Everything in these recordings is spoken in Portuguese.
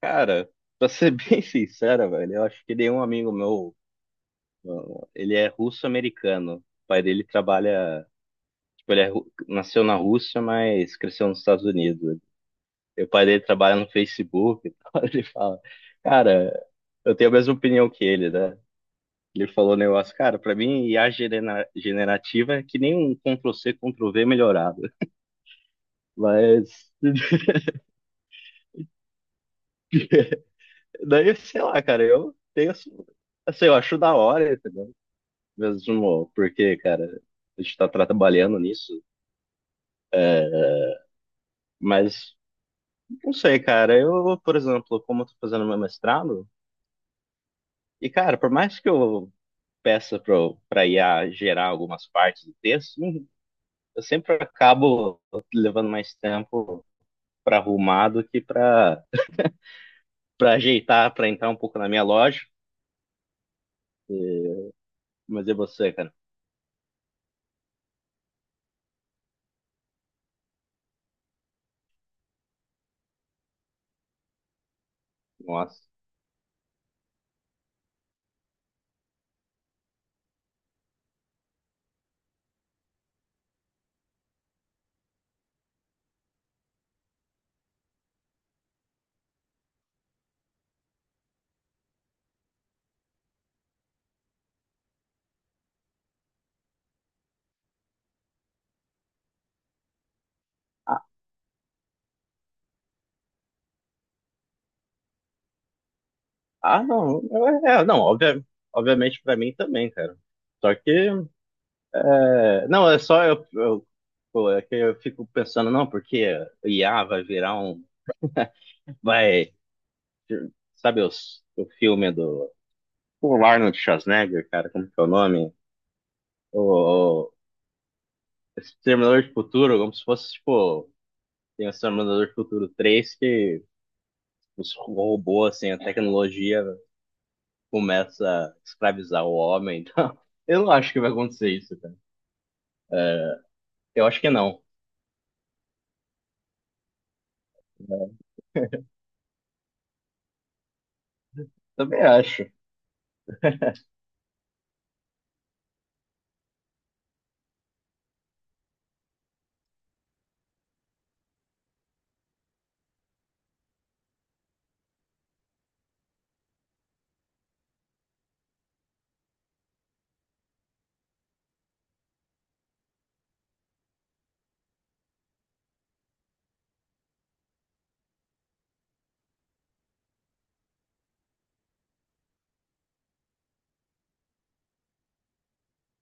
Cara, pra ser bem sincera, velho, eu acho que nenhum amigo meu, ele é russo-americano. O pai dele trabalha, tipo, ele é, nasceu na Rússia, mas cresceu nos Estados Unidos. E o pai dele trabalha no Facebook e tal. Ele fala, cara, eu tenho a mesma opinião que ele, né? Ele falou um negócio, cara, pra mim I a generativa é que nem um Ctrl-C, Ctrl-V melhorado. Mas, daí, sei lá, cara, eu tenho, assim, eu acho da hora, mesmo, porque, cara, a gente tá trabalhando nisso, mas não sei, cara. Eu, por exemplo, como eu tô fazendo meu mestrado, e, cara, por mais que eu peça pra I a gerar algumas partes do texto, não- eu sempre acabo levando mais tempo pra arrumar do que pra ajeitar, pra entrar um pouco na minha lógica. Mas e você, cara? Nossa. Ah, ah, não. É, é, não, obviamente pra mim também, cara. Só que. É, não, é só eu, pô, é que eu fico pensando, não, porque o IA vai virar um. Vai. Sabe o filme do. O Arnold Schwarzenegger, cara, como que é o nome? O Exterminador de Futuro, como se fosse, tipo. Tem o Exterminador de Futuro 3 que os robôs, assim, a tecnologia começa a escravizar o homem. Então, eu não acho que vai acontecer isso, cara. Eu acho que não. Né? Também acho.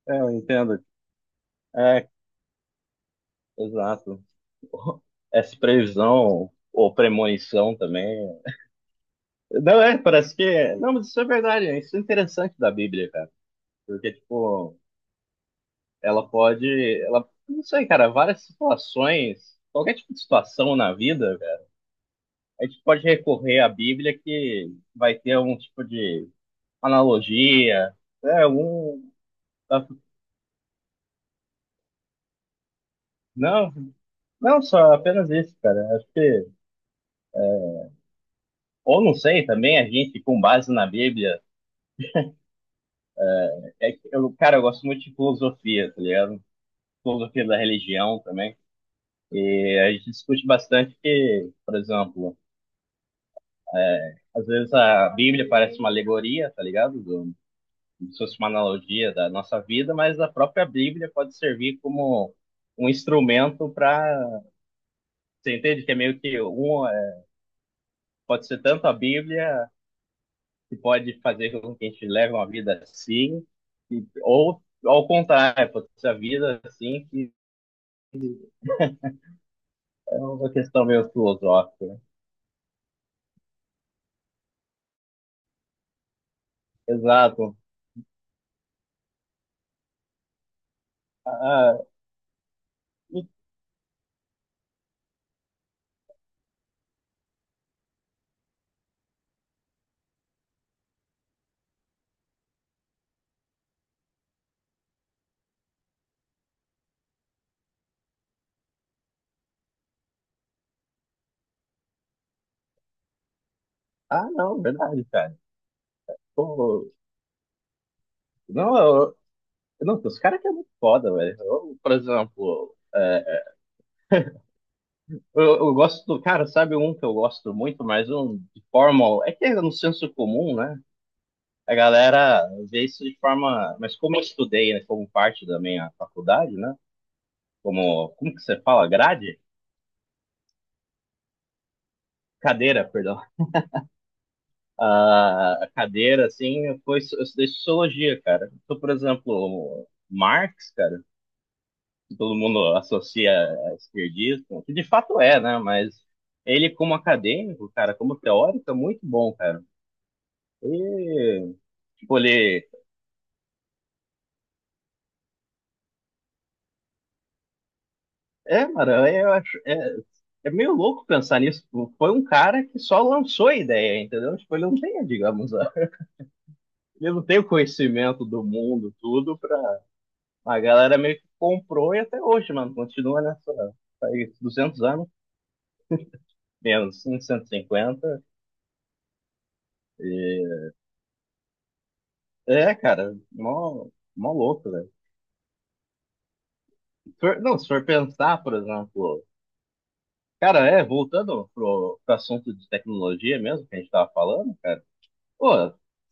É, eu entendo. É, exato. Essa previsão ou premonição também. Não é, parece que. É. Não, mas isso é verdade, né? Isso é interessante da Bíblia, cara. Porque, tipo, ela pode. Ela, não sei, cara, várias situações, qualquer tipo de situação na vida, cara, a gente pode recorrer à Bíblia que vai ter algum tipo de analogia, é, algum. Não, não só apenas isso, cara. Acho que. Ou não sei, também a gente, com base na Bíblia. É que eu, cara, eu gosto muito de filosofia, tá ligado? Filosofia da religião também. E a gente discute bastante que, por exemplo, às vezes a Bíblia parece uma alegoria, tá ligado? Do, como se fosse uma analogia da nossa vida, mas a própria Bíblia pode servir como um instrumento para. Você entende que é meio que um. É, pode ser tanto a Bíblia que pode fazer com que a gente leve uma vida assim, e, ou ao contrário, pode ser a vida assim, que é uma questão meio filosófica. Exato. Ah, ah, ah, não, verdade, cara. Pô, não, eu, não, os caras que é muito foda, velho. Eu, por exemplo, é, eu gosto do. Cara, sabe um que eu gosto muito, mas um de forma. É que é no senso comum, né? A galera vê isso de forma. Mas como eu estudei, né, como parte da minha faculdade, né? Como que você fala? Grade? Cadeira, perdão. Ah, a cadeira, assim, foi, eu estudei sociologia, cara. Então, por exemplo, Marx, cara. Todo mundo associa a esquerdista, que de fato é, né? Mas ele, como acadêmico, cara, como teórico, é muito bom, cara. E, tipo, ele. É, mano, eu acho. É meio louco pensar nisso. Foi um cara que só lançou a ideia, entendeu? Tipo, ele não tem, digamos, ele não tem o conhecimento do mundo, tudo, pra. A galera meio que comprou e até hoje, mano, continua nessa. Faz 200 anos, menos 150. E... cinquenta. E... É, cara, mó louco, velho. Se for- Não, se for pensar, por exemplo, cara, é, voltando pro assunto de tecnologia mesmo que a gente tava falando, cara, pô,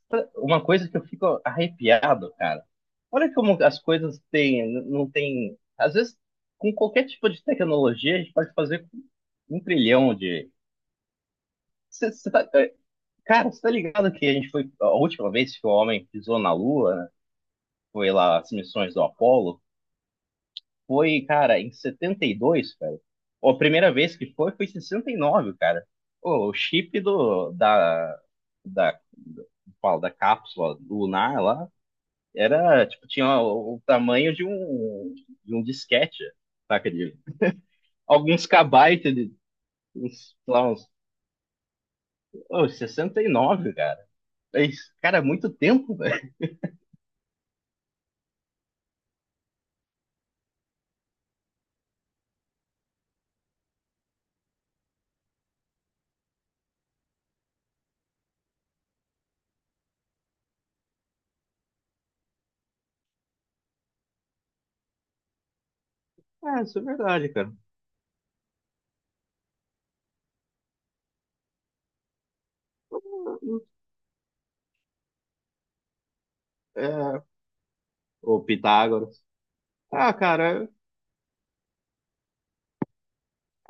uma coisa que eu fico arrepiado, cara, olha como as coisas têm, não tem, às vezes, com qualquer tipo de tecnologia, a gente pode fazer um trilhão de, Cê- cê tá- é, cara, você tá ligado que a gente foi, a última vez que o homem pisou na Lua, né, foi lá as missões do Apollo, foi, cara, em 72, cara. Ó, a primeira vez que foi, foi em 69, cara. Ô, o chip do, da, da, fala, da cápsula lunar lá era, tipo, tinha o tamanho de um disquete, saca? De alguns kbytes, de, uns, sei lá, uns, ô, 69 cara. É isso, cara, é muito tempo, velho. Ah, isso é verdade, cara. É, o Pitágoras. Ah, cara,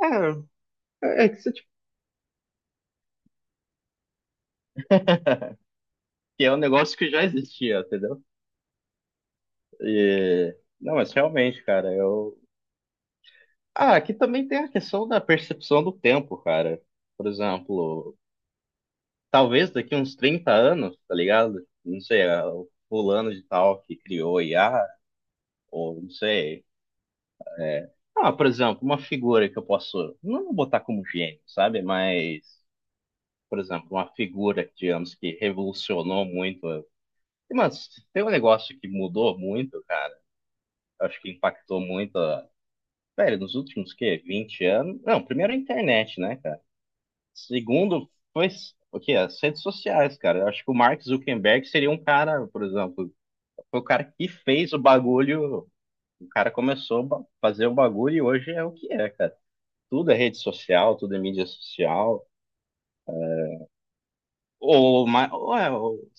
é, é que se que é um negócio que já existia, entendeu? E... não, mas realmente, cara, eu. Ah, aqui também tem a questão da percepção do tempo, cara. Por exemplo, talvez daqui uns 30 anos, tá ligado? Não sei, é o fulano de tal que criou I a IA, ou não sei. é, Ah, por exemplo, uma figura que eu posso. Não vou botar como gênio, sabe? Mas, por exemplo, uma figura, digamos, que revolucionou muito. Mas tem um negócio que mudou muito, cara. Eu acho que impactou muito velho, nos últimos, que, 20 anos... Não, primeiro a internet, né, cara? Segundo, foi o quê? As redes sociais, cara. Eu acho que o Mark Zuckerberg seria um cara, por exemplo, foi o cara que fez o bagulho, o cara começou a fazer o bagulho e hoje é o que é, cara. Tudo é rede social, tudo é mídia social. Ou, ou é,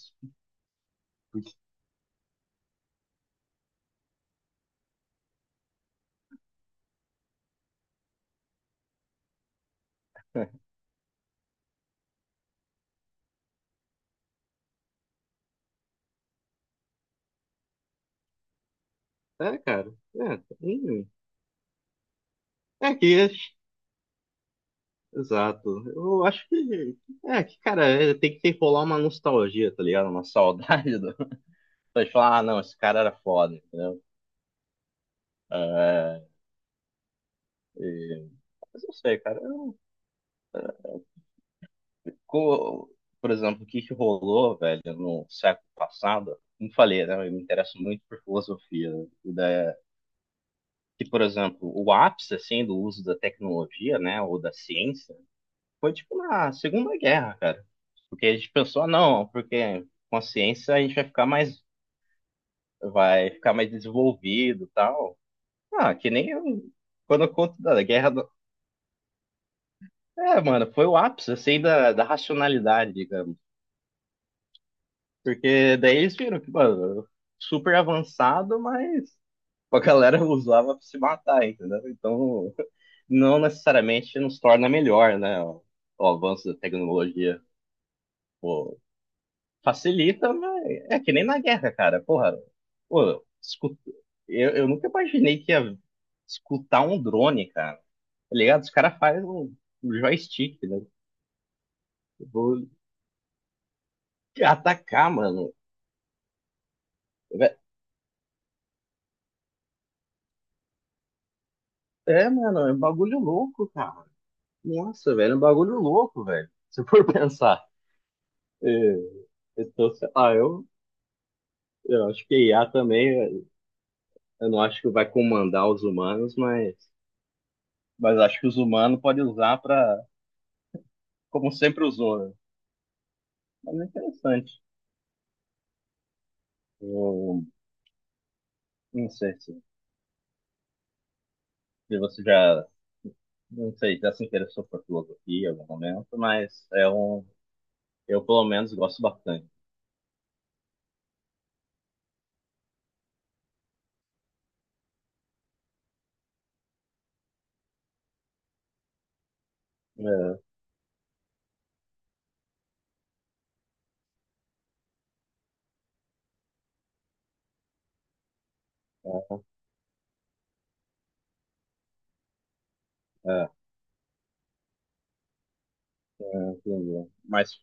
é, cara. É, é que, exato. Eu acho que, é que, cara, é, tem que ter rolar uma nostalgia, tá ligado? Uma saudade. Então, falar ah, não, esse cara era foda, entendeu? É, e- mas não sei, cara. Por exemplo, o que que rolou, velho, no século passado? Como falei, né? Eu me interesso muito por filosofia. Né, e da... Que, por exemplo, o ápice, assim, do uso da tecnologia, né? Ou da ciência, foi, tipo, na Segunda Guerra, cara. Porque a gente pensou, ah, não, porque com a ciência a gente vai ficar mais, desenvolvido e tal. Ah, que nem eu, quando eu conto da guerra. É, mano, foi o ápice, assim, da racionalidade, digamos. Porque daí eles viram que, mano, super avançado, mas a galera usava pra se matar, entendeu? Então, não necessariamente nos torna melhor, né? O avanço da tecnologia, pô, facilita, mas é que nem na guerra, cara. Porra, pô, eu nunca imaginei que ia escutar um drone, cara. Tá ligado? Os caras fazem um joystick, né? Vou atacar, mano. É, mano, é um bagulho louco, cara. Nossa, velho, é um bagulho louco, velho. Se for pensar. É, então, sei lá, eu, acho que a IA também, eu não acho que vai comandar os humanos, mas acho que os humanos podem usar para, como sempre usou, né? Mas é interessante. Eu não sei se você já, não sei, já se interessou por filosofia em algum momento, mas é um, eu pelo menos gosto bastante. É, é, é, é, entendi. Mas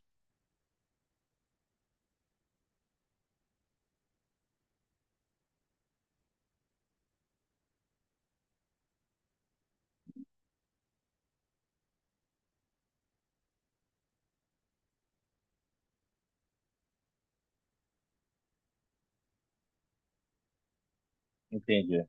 entendi.